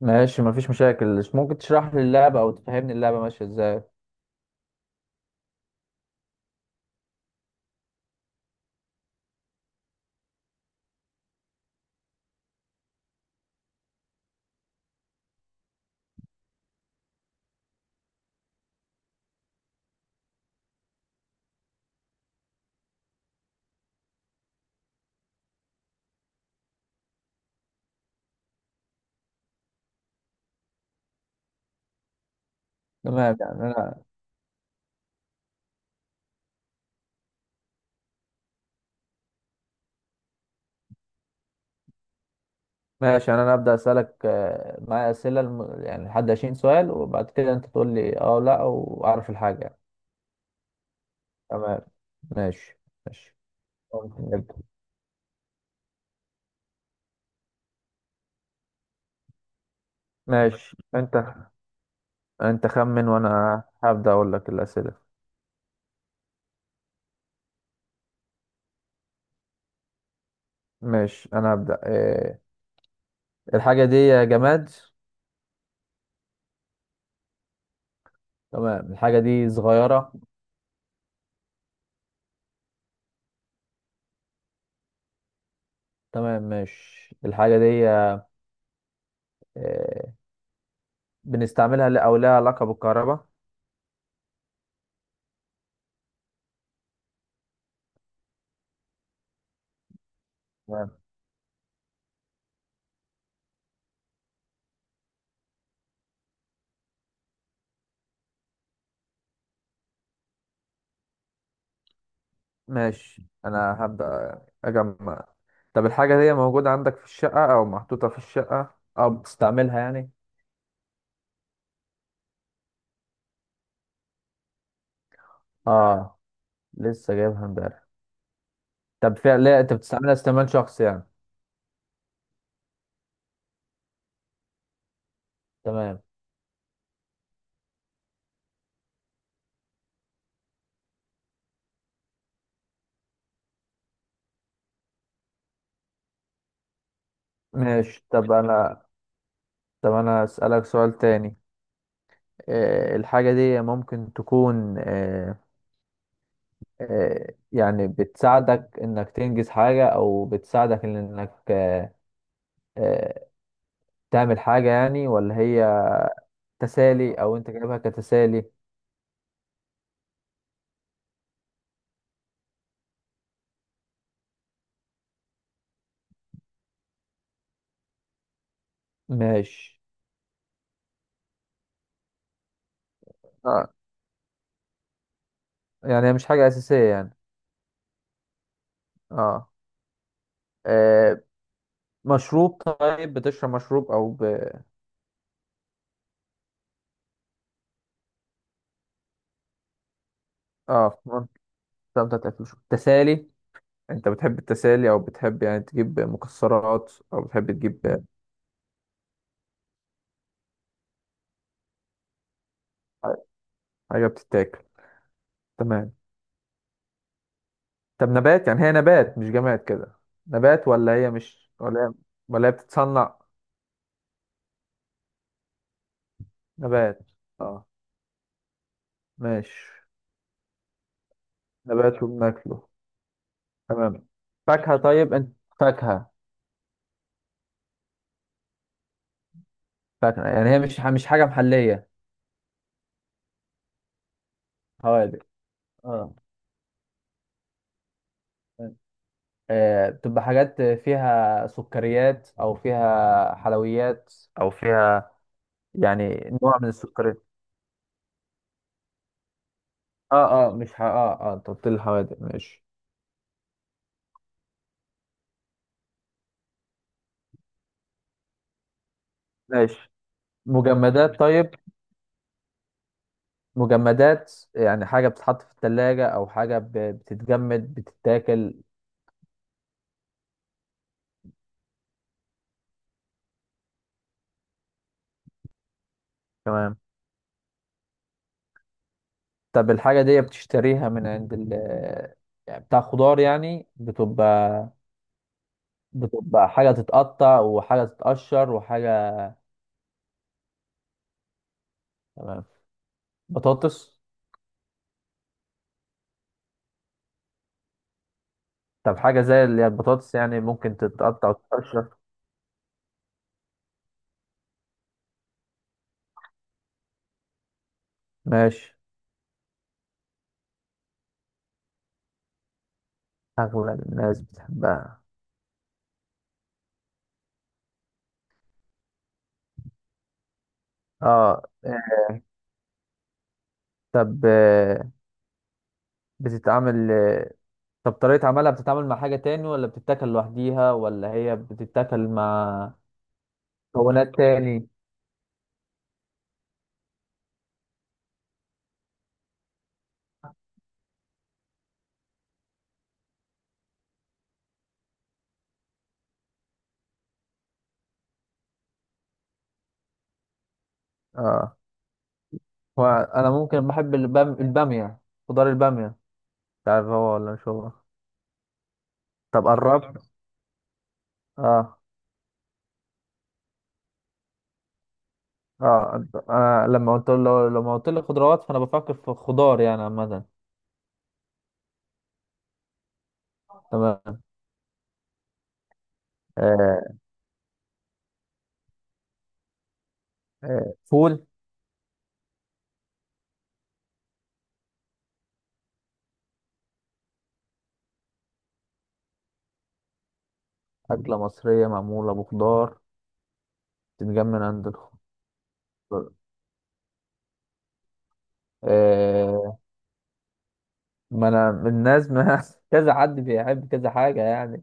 ماشي، مفيش مشاكل. مش ممكن تشرح لي اللعبة أو تفهمني اللعبة ماشية إزاي؟ تمام يعني أنا. ماشي يعني أنا أبدأ أسألك، معايا أسئلة يعني لحد 20 سؤال، وبعد كده أنت تقول لي أه لأ وأعرف الحاجة يعني. تمام، ماشي، ماشي. ممكن نبدأ؟ ماشي. أنت خمن وأنا هبدأ أقول لك الأسئلة. ماشي، أنا هبدأ. الحاجة دي جماد؟ تمام، الحاجة دي صغيرة؟ تمام، ماشي، الحاجة دي، بنستعملها أو لها علاقة بالكهرباء؟ ماشي، انا هبدأ اجمع. طب الحاجة دي موجودة عندك في الشقة او محطوطة في الشقة او بتستعملها يعني؟ اه، لسه جايبها امبارح؟ طب فعلا، لا انت بتستعملها استعمال شخصي يعني؟ تمام، ماشي. طب انا اسألك سؤال تاني. الحاجة دي ممكن تكون، يعني بتساعدك انك تنجز حاجة او بتساعدك إن انك، آه، تعمل حاجة يعني، ولا هي تسالي او انت جايبها كتسالي؟ ماشي، آه، يعني هي مش حاجة أساسية يعني؟ اه، آه، مشروب طيب، بتشرب مشروب أو اه. طب تاكل شو تسالي؟ أنت بتحب التسالي أو بتحب يعني تجيب مكسرات أو بتحب تجيب حاجة بتتاكل؟ تمام. طب نبات يعني، هي نبات مش جماد كده؟ نبات ولا هي مش ولا هي ولا هي بتتصنع؟ نبات. اه، ماشي، نبات وبناكله. تمام. فاكهة طيب؟ أنت فاكهة؟ يعني هي مش حاجة محلية؟ حوالي، اه، بتبقى حاجات فيها سكريات او فيها حلويات او فيها، يعني نوع من السكريات. اه، اه، مش ح... اه، اه، انت قلت لي الحوادق. ماشي، ماشي. مجمدات طيب؟ مجمدات يعني حاجة بتتحط في التلاجة او حاجة بتتجمد بتتاكل؟ تمام. طب الحاجة دي بتشتريها من عند ال، يعني بتاع خضار يعني بتبقى، حاجة تتقطع وحاجة تتقشر وحاجة. تمام. بطاطس؟ طب حاجة زي اللي هي البطاطس، يعني ممكن تتقطع وتتقشر. ماشي، أغلب الناس بتحبها. اه، طب بتتعمل، طب طريقة عملها، بتتعامل مع حاجة تاني ولا بتتاكل لوحديها ولا هي بتتاكل مع مكونات تاني؟ اه، وأنا ممكن بحب البامية، خضار البامية. تعرف هو ولا مش هو؟ طب قربت. اه، اه، لما قلت لي خضروات فأنا بفكر في خضار يعني عامة. تمام، آه، فول؟ أكلة مصرية معمولة بخضار؟ بتتجمع من عند الخضار؟ آه، ما أنا من الناس، ما كذا حد بيحب كذا حاجة يعني.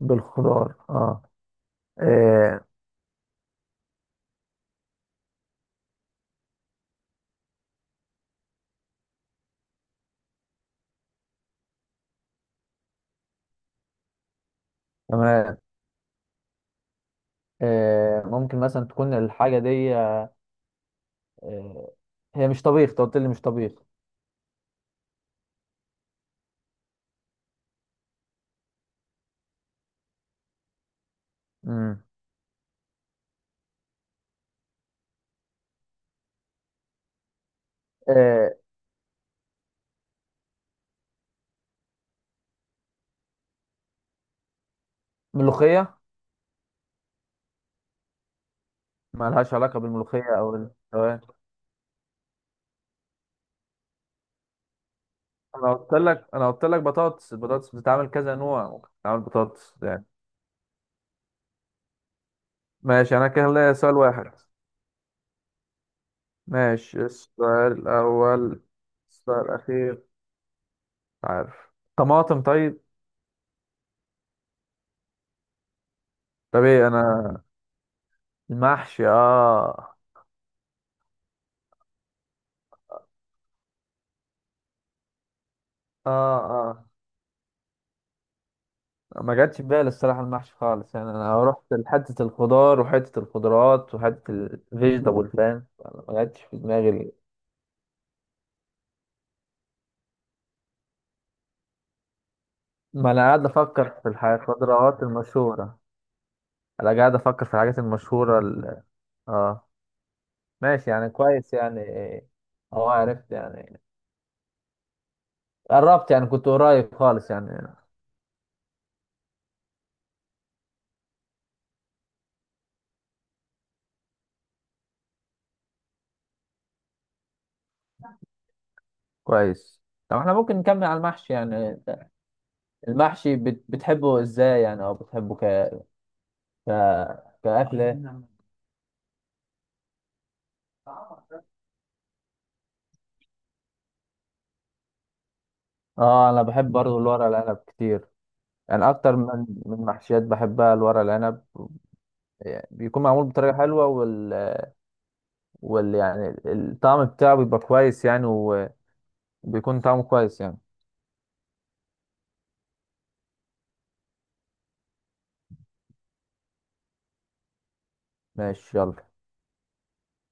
بالخضار اه، آه، تمام. آه، ممكن مثلا تكون الحاجة دي، آه، هي مش طبيخ؟ أنت قلت لي مش طبيخ. مم. آه. ملوخية؟ ما لهاش علاقة بالملوخية أو تمام. أنا قلت لك بطاطس، البطاطس بتتعمل كذا نوع، ممكن تتعمل بطاطس يعني. ماشي، أنا كده ليا سؤال واحد. ماشي، السؤال الأول، السؤال الأخير، عارف. طماطم طيب؟ طب إيه؟ أنا المحشي، آه ما جاتش في بالي الصراحة المحشي خالص، يعني أنا رحت لحتة الخضار وحتة الخضروات وحتة الفيجيتابل فاهم، فأنا ما جاتش في دماغي. ما أنا قاعد أفكر في الخضروات المشهورة. أنا قاعد أفكر في الحاجات المشهورة آه. ماشي يعني، كويس يعني، أه، عرفت يعني، قربت يعني، كنت قريب خالص يعني. كويس. طب احنا ممكن نكمل على المحشي يعني. المحشي بتحبه ازاي يعني، او بتحبه ك ك كأكلة؟ اه، انا بحب برضه الورق العنب كتير. يعني اكتر من محشيات بحبها الورق العنب، يعني بيكون معمول بطريقة حلوة، وال يعني الطعم بتاعه بيبقى كويس يعني، وبيكون طعمه كويس يعني. ماشي، يلا.